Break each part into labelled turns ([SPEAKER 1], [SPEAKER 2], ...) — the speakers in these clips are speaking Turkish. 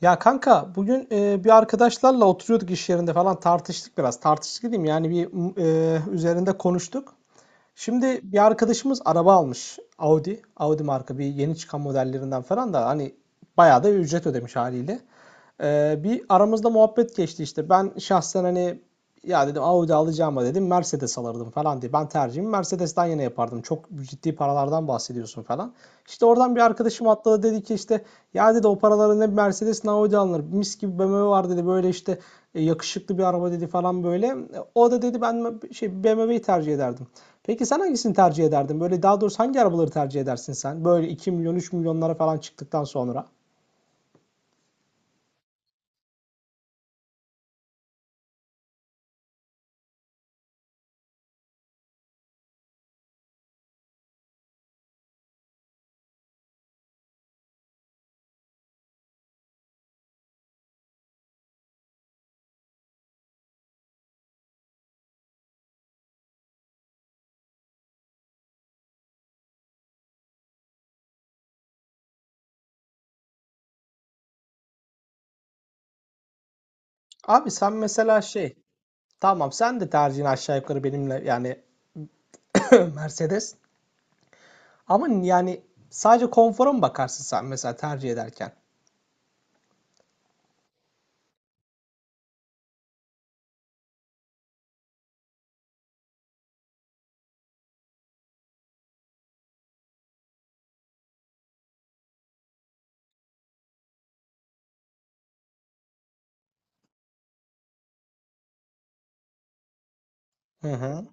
[SPEAKER 1] Ya kanka bugün bir arkadaşlarla oturuyorduk iş yerinde falan tartıştık biraz. Tartıştık diyeyim yani üzerinde konuştuk. Şimdi bir arkadaşımız araba almış. Audi. Audi marka bir yeni çıkan modellerinden falan da hani bayağı da ücret ödemiş haliyle. Bir aramızda muhabbet geçti işte. Ben şahsen hani ya dedim, Audi alacağıma dedim Mercedes alırdım falan diye. Ben tercihimi Mercedes'ten yana yapardım. Çok ciddi paralardan bahsediyorsun falan. İşte oradan bir arkadaşım atladı, dedi ki işte ya dedi o paralara ne Mercedes ne Audi alınır. Mis gibi BMW var dedi böyle işte, yakışıklı bir araba dedi falan böyle. O da dedi ben şey BMW'yi tercih ederdim. Peki sen hangisini tercih ederdin? Böyle daha doğrusu hangi arabaları tercih edersin sen? Böyle 2 milyon 3 milyonlara falan çıktıktan sonra. Abi sen mesela şey... Tamam, sen de tercihini aşağı yukarı benimle yani Mercedes. Ama yani sadece konfora mı bakarsın sen mesela tercih ederken? Hı hı.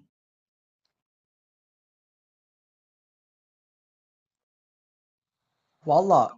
[SPEAKER 1] Valla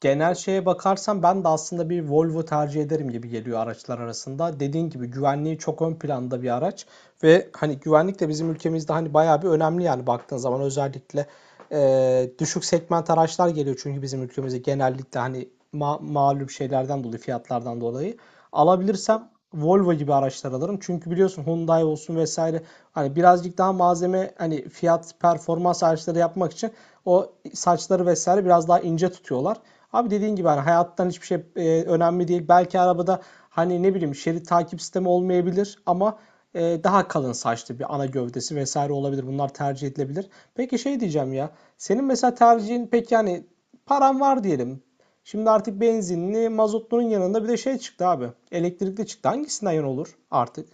[SPEAKER 1] genel şeye bakarsam ben de aslında bir Volvo tercih ederim gibi geliyor araçlar arasında. Dediğin gibi güvenliği çok ön planda bir araç. Ve hani güvenlik de bizim ülkemizde hani bayağı bir önemli, yani baktığın zaman özellikle düşük segment araçlar geliyor çünkü bizim ülkemize genellikle hani malum şeylerden dolayı, fiyatlardan dolayı. Alabilirsem Volvo gibi araçlar alırım. Çünkü biliyorsun Hyundai olsun vesaire hani birazcık daha malzeme, hani fiyat performans araçları yapmak için o saçları vesaire biraz daha ince tutuyorlar. Abi dediğin gibi hani hayattan hiçbir şey önemli değil. Belki arabada hani ne bileyim şerit takip sistemi olmayabilir ama daha kalın saçlı bir ana gövdesi vesaire olabilir. Bunlar tercih edilebilir. Peki şey diyeceğim ya. Senin mesela tercihin pek yani, paran var diyelim. Şimdi artık benzinli, mazotlunun yanında bir de şey çıktı abi. Elektrikli çıktı. Hangisinden yan olur artık?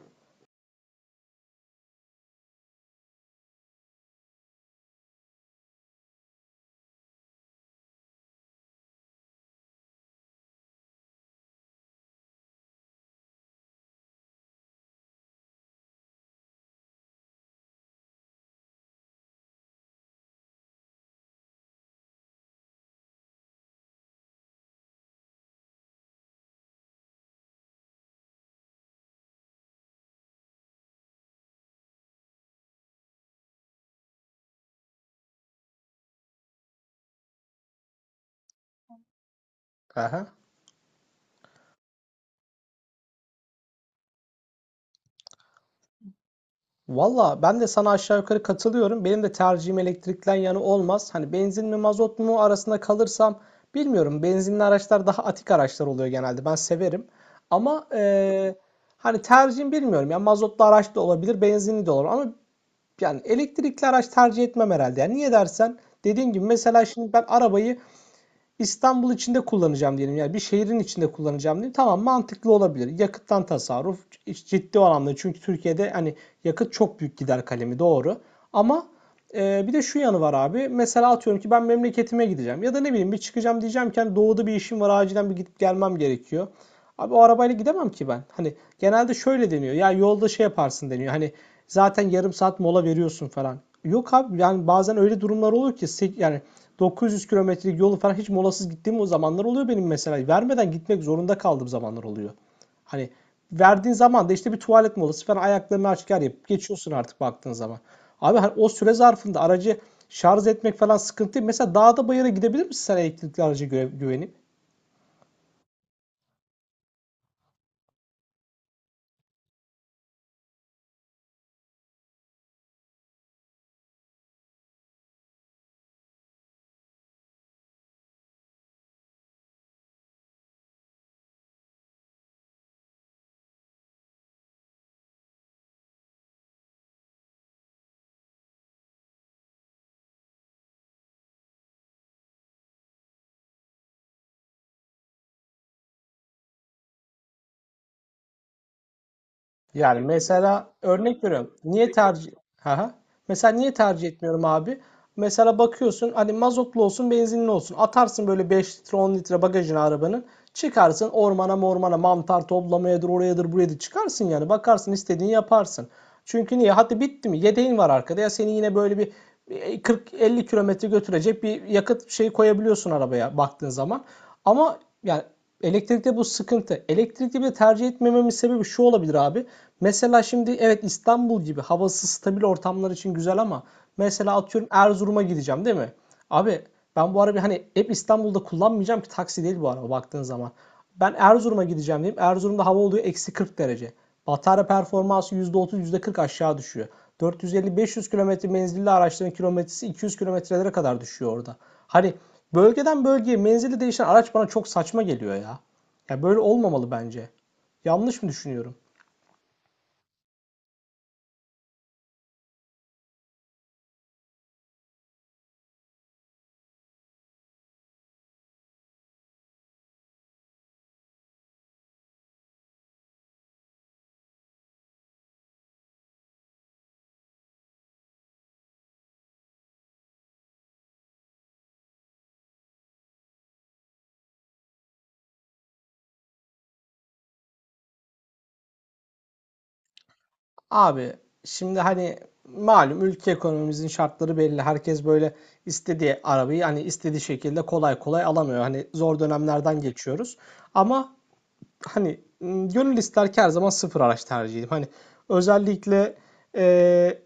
[SPEAKER 1] Aha. Valla ben de sana aşağı yukarı katılıyorum. Benim de tercihim elektrikten yana olmaz. Hani benzin mi mazot mu arasında kalırsam bilmiyorum. Benzinli araçlar daha atik araçlar oluyor genelde. Ben severim. Ama hani tercihim bilmiyorum. Yani mazotlu araç da olabilir, benzinli de olur. Ama yani elektrikli araç tercih etmem herhalde. Yani niye dersen, dediğin gibi mesela şimdi ben arabayı İstanbul içinde kullanacağım diyelim. Yani bir şehrin içinde kullanacağım diyelim. Tamam, mantıklı olabilir. Yakıttan tasarruf ciddi anlamda. Çünkü Türkiye'de hani yakıt çok büyük gider kalemi, doğru. Ama bir de şu yanı var abi. Mesela atıyorum ki ben memleketime gideceğim. Ya da ne bileyim bir çıkacağım, diyeceğim ki hani doğuda bir işim var, acilen bir gidip gelmem gerekiyor. Abi o arabayla gidemem ki ben. Hani genelde şöyle deniyor. Ya yolda şey yaparsın deniyor. Hani zaten yarım saat mola veriyorsun falan. Yok abi yani bazen öyle durumlar oluyor ki yani 900 kilometrelik yolu falan hiç molasız gittiğim o zamanlar oluyor benim mesela. Vermeden gitmek zorunda kaldığım zamanlar oluyor. Hani verdiğin zaman da işte bir tuvalet molası falan, ayaklarını açık yapıp geçiyorsun artık baktığın zaman. Abi hani o süre zarfında aracı şarj etmek falan sıkıntı değil. Mesela dağda bayıra gidebilir misin sen elektrikli araca güvenip? Yani mesela örnek veriyorum. Niye tercih... Haha. Mesela niye tercih etmiyorum abi? Mesela bakıyorsun hani mazotlu olsun benzinli olsun. Atarsın böyle 5 litre 10 litre bagajına arabanın. Çıkarsın ormana mormana, mantar toplamayadır, orayadır buraya da çıkarsın yani. Bakarsın istediğini yaparsın. Çünkü niye? Hadi bitti mi? Yedeğin var arkada, ya seni yine böyle bir 40-50 kilometre götürecek bir yakıt şeyi koyabiliyorsun arabaya baktığın zaman. Ama yani elektrikte bu sıkıntı. Elektrikli bir tercih etmememin sebebi şu olabilir abi. Mesela şimdi evet, İstanbul gibi havası stabil ortamlar için güzel ama mesela atıyorum Erzurum'a gideceğim değil mi? Abi ben bu arabayı hani hep İstanbul'da kullanmayacağım ki, taksi değil bu araba baktığın zaman. Ben Erzurum'a gideceğim diyeyim. Erzurum'da hava oluyor eksi 40 derece. Batarya performansı %30 yüzde kırk aşağı düşüyor. 450-500 kilometre menzilli araçların kilometresi 200 kilometrelere kadar düşüyor orada. Hani bölgeden bölgeye menzili değişen araç bana çok saçma geliyor ya. Ya böyle olmamalı bence. Yanlış mı düşünüyorum? Abi şimdi hani malum, ülke ekonomimizin şartları belli. Herkes böyle istediği arabayı hani istediği şekilde kolay kolay alamıyor. Hani zor dönemlerden geçiyoruz. Ama hani, gönül ister ki her zaman sıfır araç tercih edeyim. Hani, özellikle, eee,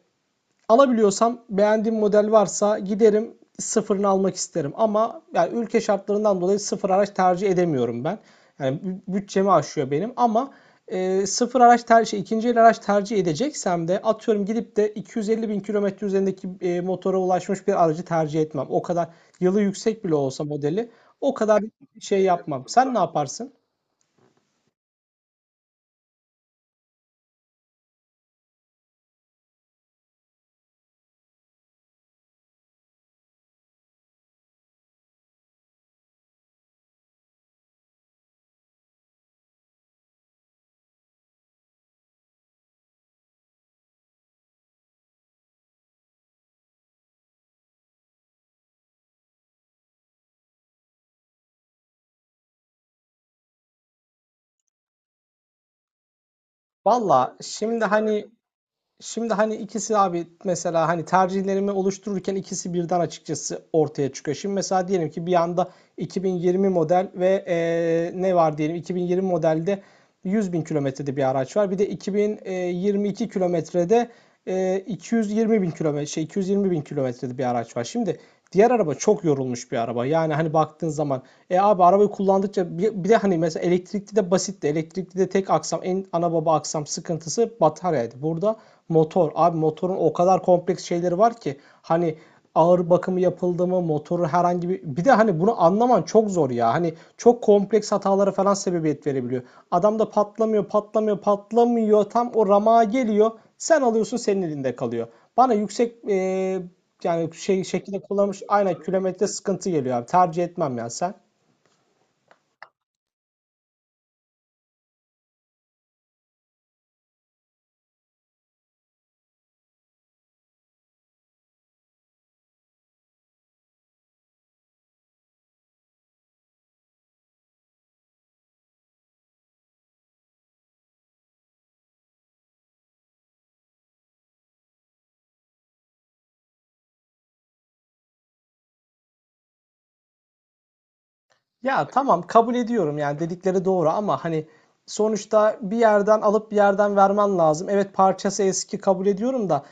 [SPEAKER 1] alabiliyorsam, beğendiğim model varsa giderim sıfırını almak isterim ama yani ülke şartlarından dolayı sıfır araç tercih edemiyorum ben. Yani bütçemi aşıyor benim ama, sıfır araç tercih, şey, el araç tercih edeceksem de atıyorum gidip de 250 bin kilometre üzerindeki, motora ulaşmış bir aracı tercih etmem. O kadar yılı yüksek bile olsa modeli o kadar şey yapmam. Sen ne yaparsın? Valla şimdi hani ikisi abi, mesela hani tercihlerimi oluştururken ikisi birden açıkçası ortaya çıkıyor. Şimdi mesela diyelim ki bir anda 2020 model ve ne var diyelim 2020 modelde 100 bin kilometrede bir araç var. Bir de 2022 kilometrede 220 bin kilometre, şey, 220 bin kilometrede bir araç var. Şimdi diğer araba çok yorulmuş bir araba. Yani hani baktığın zaman abi, arabayı kullandıkça, bir de hani mesela elektrikli de basitti. Elektrikli de tek aksam, en ana baba aksam sıkıntısı bataryaydı. Burada motor. Abi motorun o kadar kompleks şeyleri var ki, hani ağır bakımı yapıldı mı motoru herhangi bir, bir de hani bunu anlaman çok zor ya. Hani çok kompleks hatalara falan sebebiyet verebiliyor. Adam da patlamıyor, patlamıyor, patlamıyor. Tam o ramağa geliyor. Sen alıyorsun, senin elinde kalıyor. Bana yüksek yani şey şekilde kullanmış, aynen kilometre sıkıntı geliyor abi. Tercih etmem ya sen. Ya tamam, kabul ediyorum yani dedikleri doğru ama hani sonuçta bir yerden alıp bir yerden vermen lazım. Evet parçası eski, kabul ediyorum da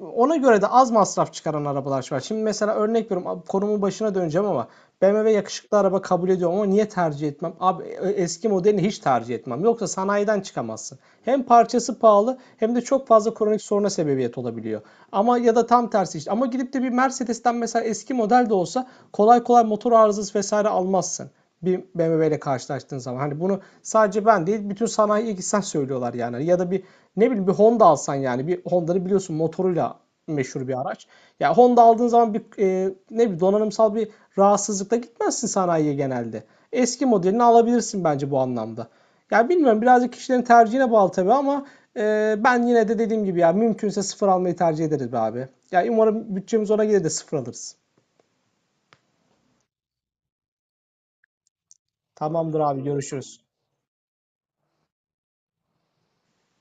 [SPEAKER 1] ona göre de az masraf çıkaran arabalar var. Şimdi mesela örnek veriyorum, konumun başına döneceğim ama BMW yakışıklı araba kabul ediyorum ama niye tercih etmem? Abi eski modelini hiç tercih etmem. Yoksa sanayiden çıkamazsın. Hem parçası pahalı hem de çok fazla kronik soruna sebebiyet olabiliyor. Ama ya da tam tersi işte. Ama gidip de bir Mercedes'ten mesela eski model de olsa kolay kolay motor arızası vesaire almazsın bir BMW ile karşılaştığın zaman. Hani bunu sadece ben değil, bütün sanayiye gitsen söylüyorlar yani. Hani ya da bir ne bileyim bir Honda alsan yani. Bir Honda'nın biliyorsun motoruyla meşhur bir araç. Ya yani Honda aldığın zaman bir ne bileyim donanımsal bir rahatsızlıkla gitmezsin sanayiye genelde. Eski modelini alabilirsin bence bu anlamda. Ya bilmiyorum, birazcık kişilerin tercihine bağlı tabii ama ben yine de dediğim gibi ya mümkünse sıfır almayı tercih ederiz be abi. Ya yani umarım bütçemiz ona gelir de sıfır alırız. Tamamdır abi, görüşürüz.